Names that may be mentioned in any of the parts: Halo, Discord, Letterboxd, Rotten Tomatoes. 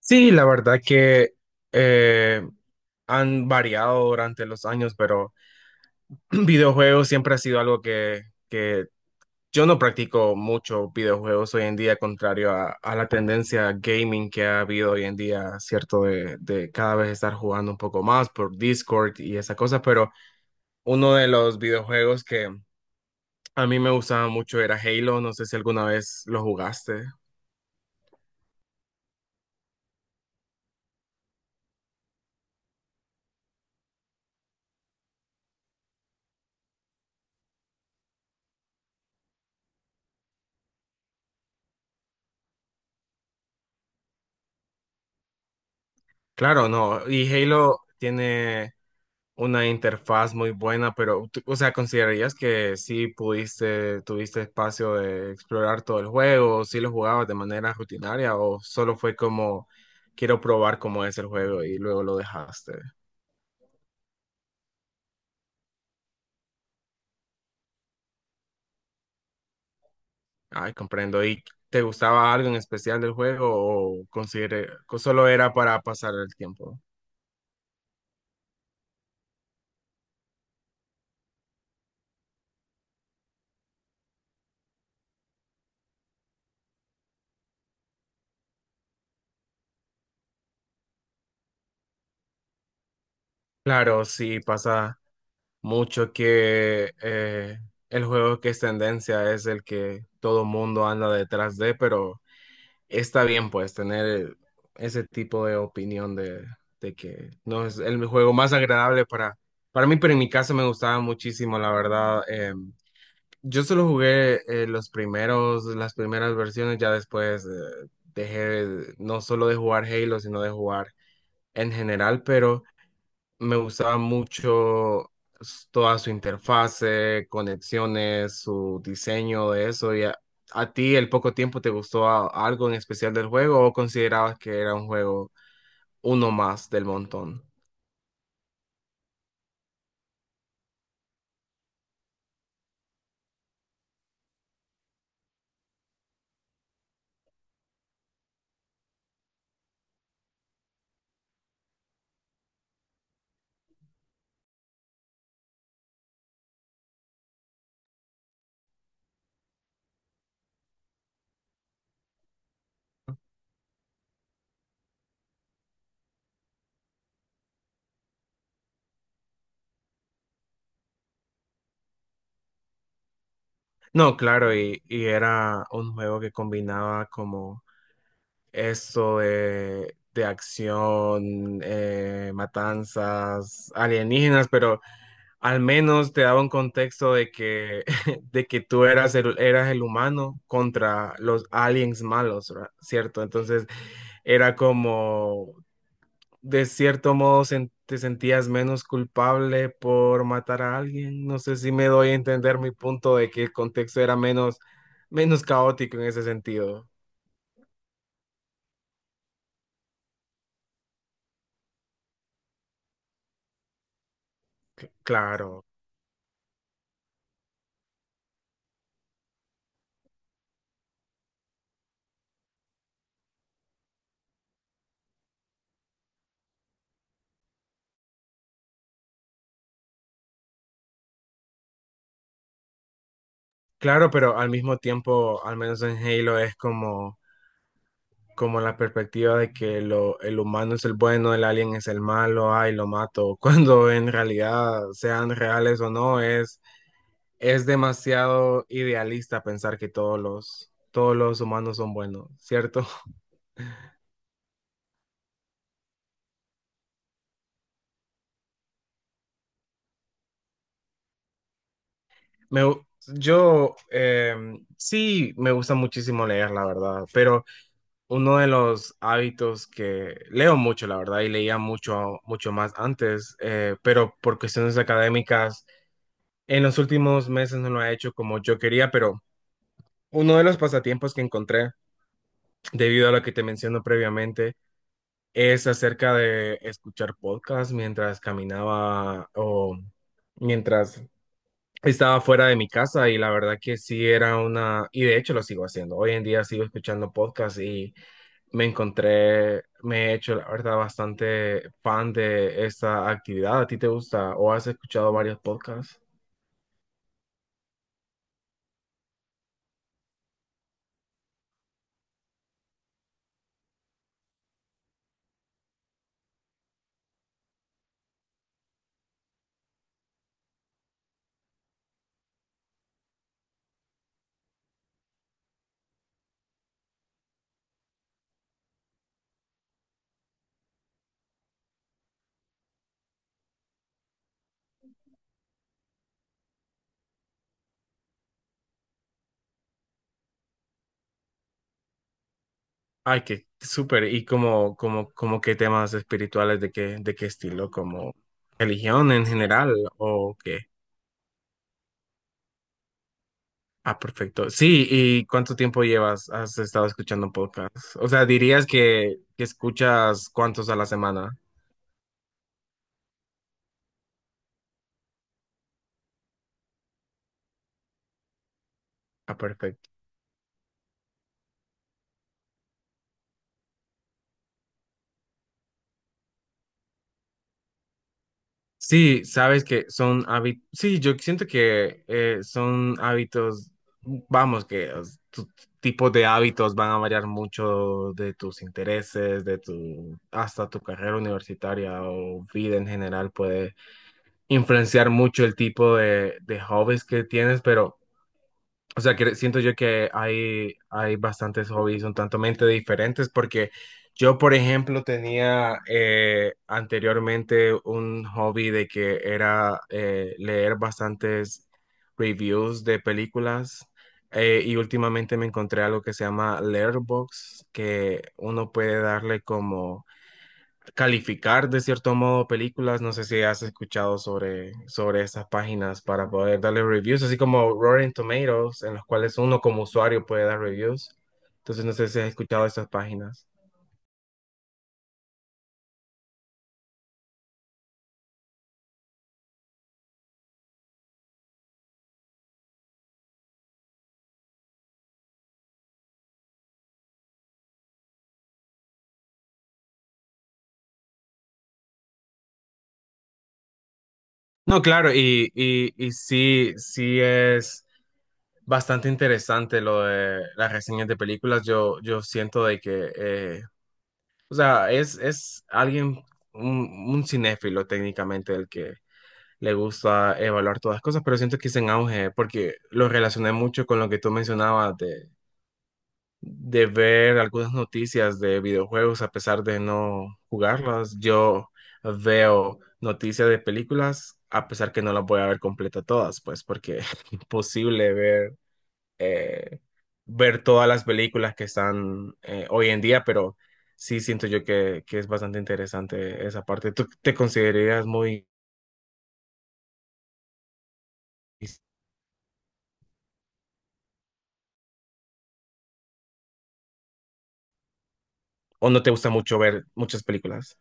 Sí, la verdad que eh, han variado durante los años, pero videojuegos siempre ha sido algo que yo no practico mucho videojuegos hoy en día, contrario a la tendencia gaming que ha habido hoy en día, ¿cierto? De cada vez estar jugando un poco más por Discord y esa cosa, pero uno de los videojuegos que a mí me gustaba mucho era Halo, no sé si alguna vez lo jugaste. Claro, no. Y Halo tiene una interfaz muy buena, pero, o sea, ¿considerarías que sí pudiste, tuviste espacio de explorar todo el juego? ¿Sí lo jugabas de manera rutinaria o solo fue como, quiero probar cómo es el juego y luego lo dejaste? Ay, comprendo. ¿Y te gustaba algo en especial del juego o solo era para pasar el tiempo? Claro, sí pasa. Mucho que el juego que es tendencia es el que todo mundo anda detrás de, pero está bien pues tener ese tipo de opinión de que no es el juego más agradable para mí, pero en mi caso me gustaba muchísimo, la verdad. Yo solo jugué los primeros, las primeras versiones, ya después dejé no solo de jugar Halo, sino de jugar en general, pero... Me gustaba mucho toda su interfase, conexiones, su diseño de eso. A ti, el poco tiempo, te gustó algo en especial del juego o considerabas que era un juego uno más del montón? No, claro, y era un juego que combinaba como esto de acción, matanzas, alienígenas, pero al menos te daba un contexto de que, de que tú eras eras el humano contra los aliens malos, ¿verdad? ¿Cierto? Entonces era como, de cierto modo, te sentías menos culpable por matar a alguien. No sé si me doy a entender mi punto de que el contexto era menos caótico en ese sentido. C- claro, claro, pero al mismo tiempo, al menos en Halo es como... Como la perspectiva de que el humano es el bueno, el alien es el malo, ay, lo mato, cuando en realidad sean reales o no, es demasiado idealista pensar que todos los humanos son buenos, ¿cierto? Me, gu- yo sí me gusta muchísimo leer, la verdad, pero uno de los hábitos que leo mucho, la verdad, y leía mucho, mucho más antes, pero por cuestiones académicas en los últimos meses no lo ha hecho como yo quería, pero uno de los pasatiempos que encontré, debido a lo que te menciono previamente, es acerca de escuchar podcasts mientras caminaba o mientras estaba fuera de mi casa y la verdad que sí era una, y de hecho lo sigo haciendo. Hoy en día sigo escuchando podcasts y me encontré, me he hecho la verdad bastante fan de esta actividad. ¿A ti te gusta o has escuchado varios podcasts? Ay, qué súper. ¿Y como, como qué temas espirituales, de qué estilo? ¿Como religión en general o qué? Ah, perfecto. Sí, ¿y cuánto tiempo llevas? ¿Has estado escuchando podcast? O sea, dirías que escuchas cuántos a la semana. Ah, perfecto. Sí, sabes que son hábitos, sí, yo siento que son hábitos, vamos, que tu tipo de hábitos van a variar mucho de tus intereses, de tu, hasta tu carrera universitaria o vida en general puede influenciar mucho el tipo de hobbies que tienes, pero... O sea, que siento yo que hay bastantes hobbies un tanto mente diferentes porque yo, por ejemplo, tenía anteriormente un hobby de que era leer bastantes reviews de películas y últimamente me encontré algo que se llama Letterboxd, que uno puede darle como calificar de cierto modo películas. No sé si has escuchado sobre esas páginas para poder darle reviews, así como Rotten Tomatoes, en los cuales uno como usuario puede dar reviews. Entonces, no sé si has escuchado esas páginas. No, claro, y sí, sí es bastante interesante lo de las reseñas de películas. Yo siento de que, o sea, es alguien, un cinéfilo técnicamente el que le gusta evaluar todas las cosas, pero siento que es en auge porque lo relacioné mucho con lo que tú mencionabas de ver algunas noticias de videojuegos a pesar de no jugarlas. Yo veo noticias de películas a pesar que no las voy a ver completa todas, pues porque es imposible ver, eh, ver todas las películas que están hoy en día, pero... Sí, siento yo que es bastante interesante esa parte. ¿Tú te considerarías muy ¿O no te gusta mucho ver muchas películas?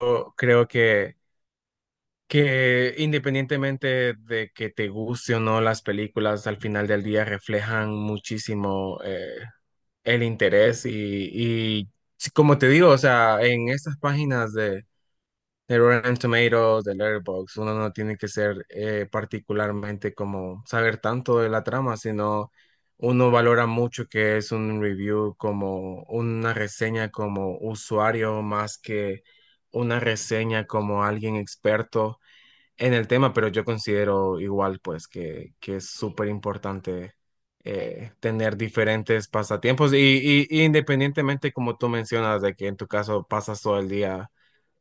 Yo creo que independientemente de que te guste o no las películas, al final del día reflejan muchísimo el interés y sí, como te digo, o sea, en estas páginas de Rotten Tomatoes, de Letterboxd, uno no tiene que ser particularmente como saber tanto de la trama, sino uno valora mucho que es un review como una reseña como usuario más que una reseña como alguien experto en el tema, pero yo considero igual pues que es súper importante. Tener diferentes pasatiempos y independientemente como tú mencionas de que en tu caso pasas todo el día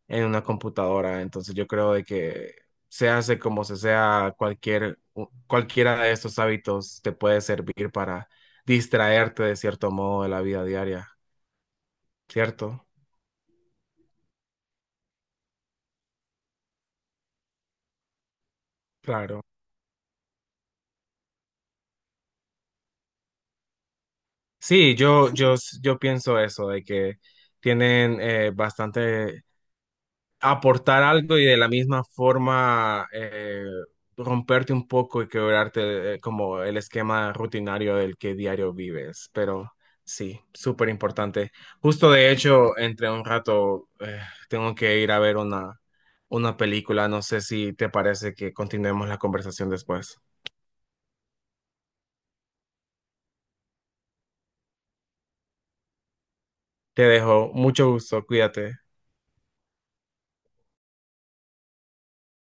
en una computadora. Entonces yo creo de que se hace como se sea, cualquier, cualquiera de estos hábitos te puede servir para distraerte de cierto modo de la vida diaria, ¿cierto? Claro. Sí, yo pienso eso, de que tienen bastante aportar algo y de la misma forma romperte un poco y quebrarte como el esquema rutinario del que diario vives. Pero sí, súper importante. Justo de hecho, entre un rato tengo que ir a ver una película. No sé si te parece que continuemos la conversación después. Te dejo. Mucho gusto. Cuídate.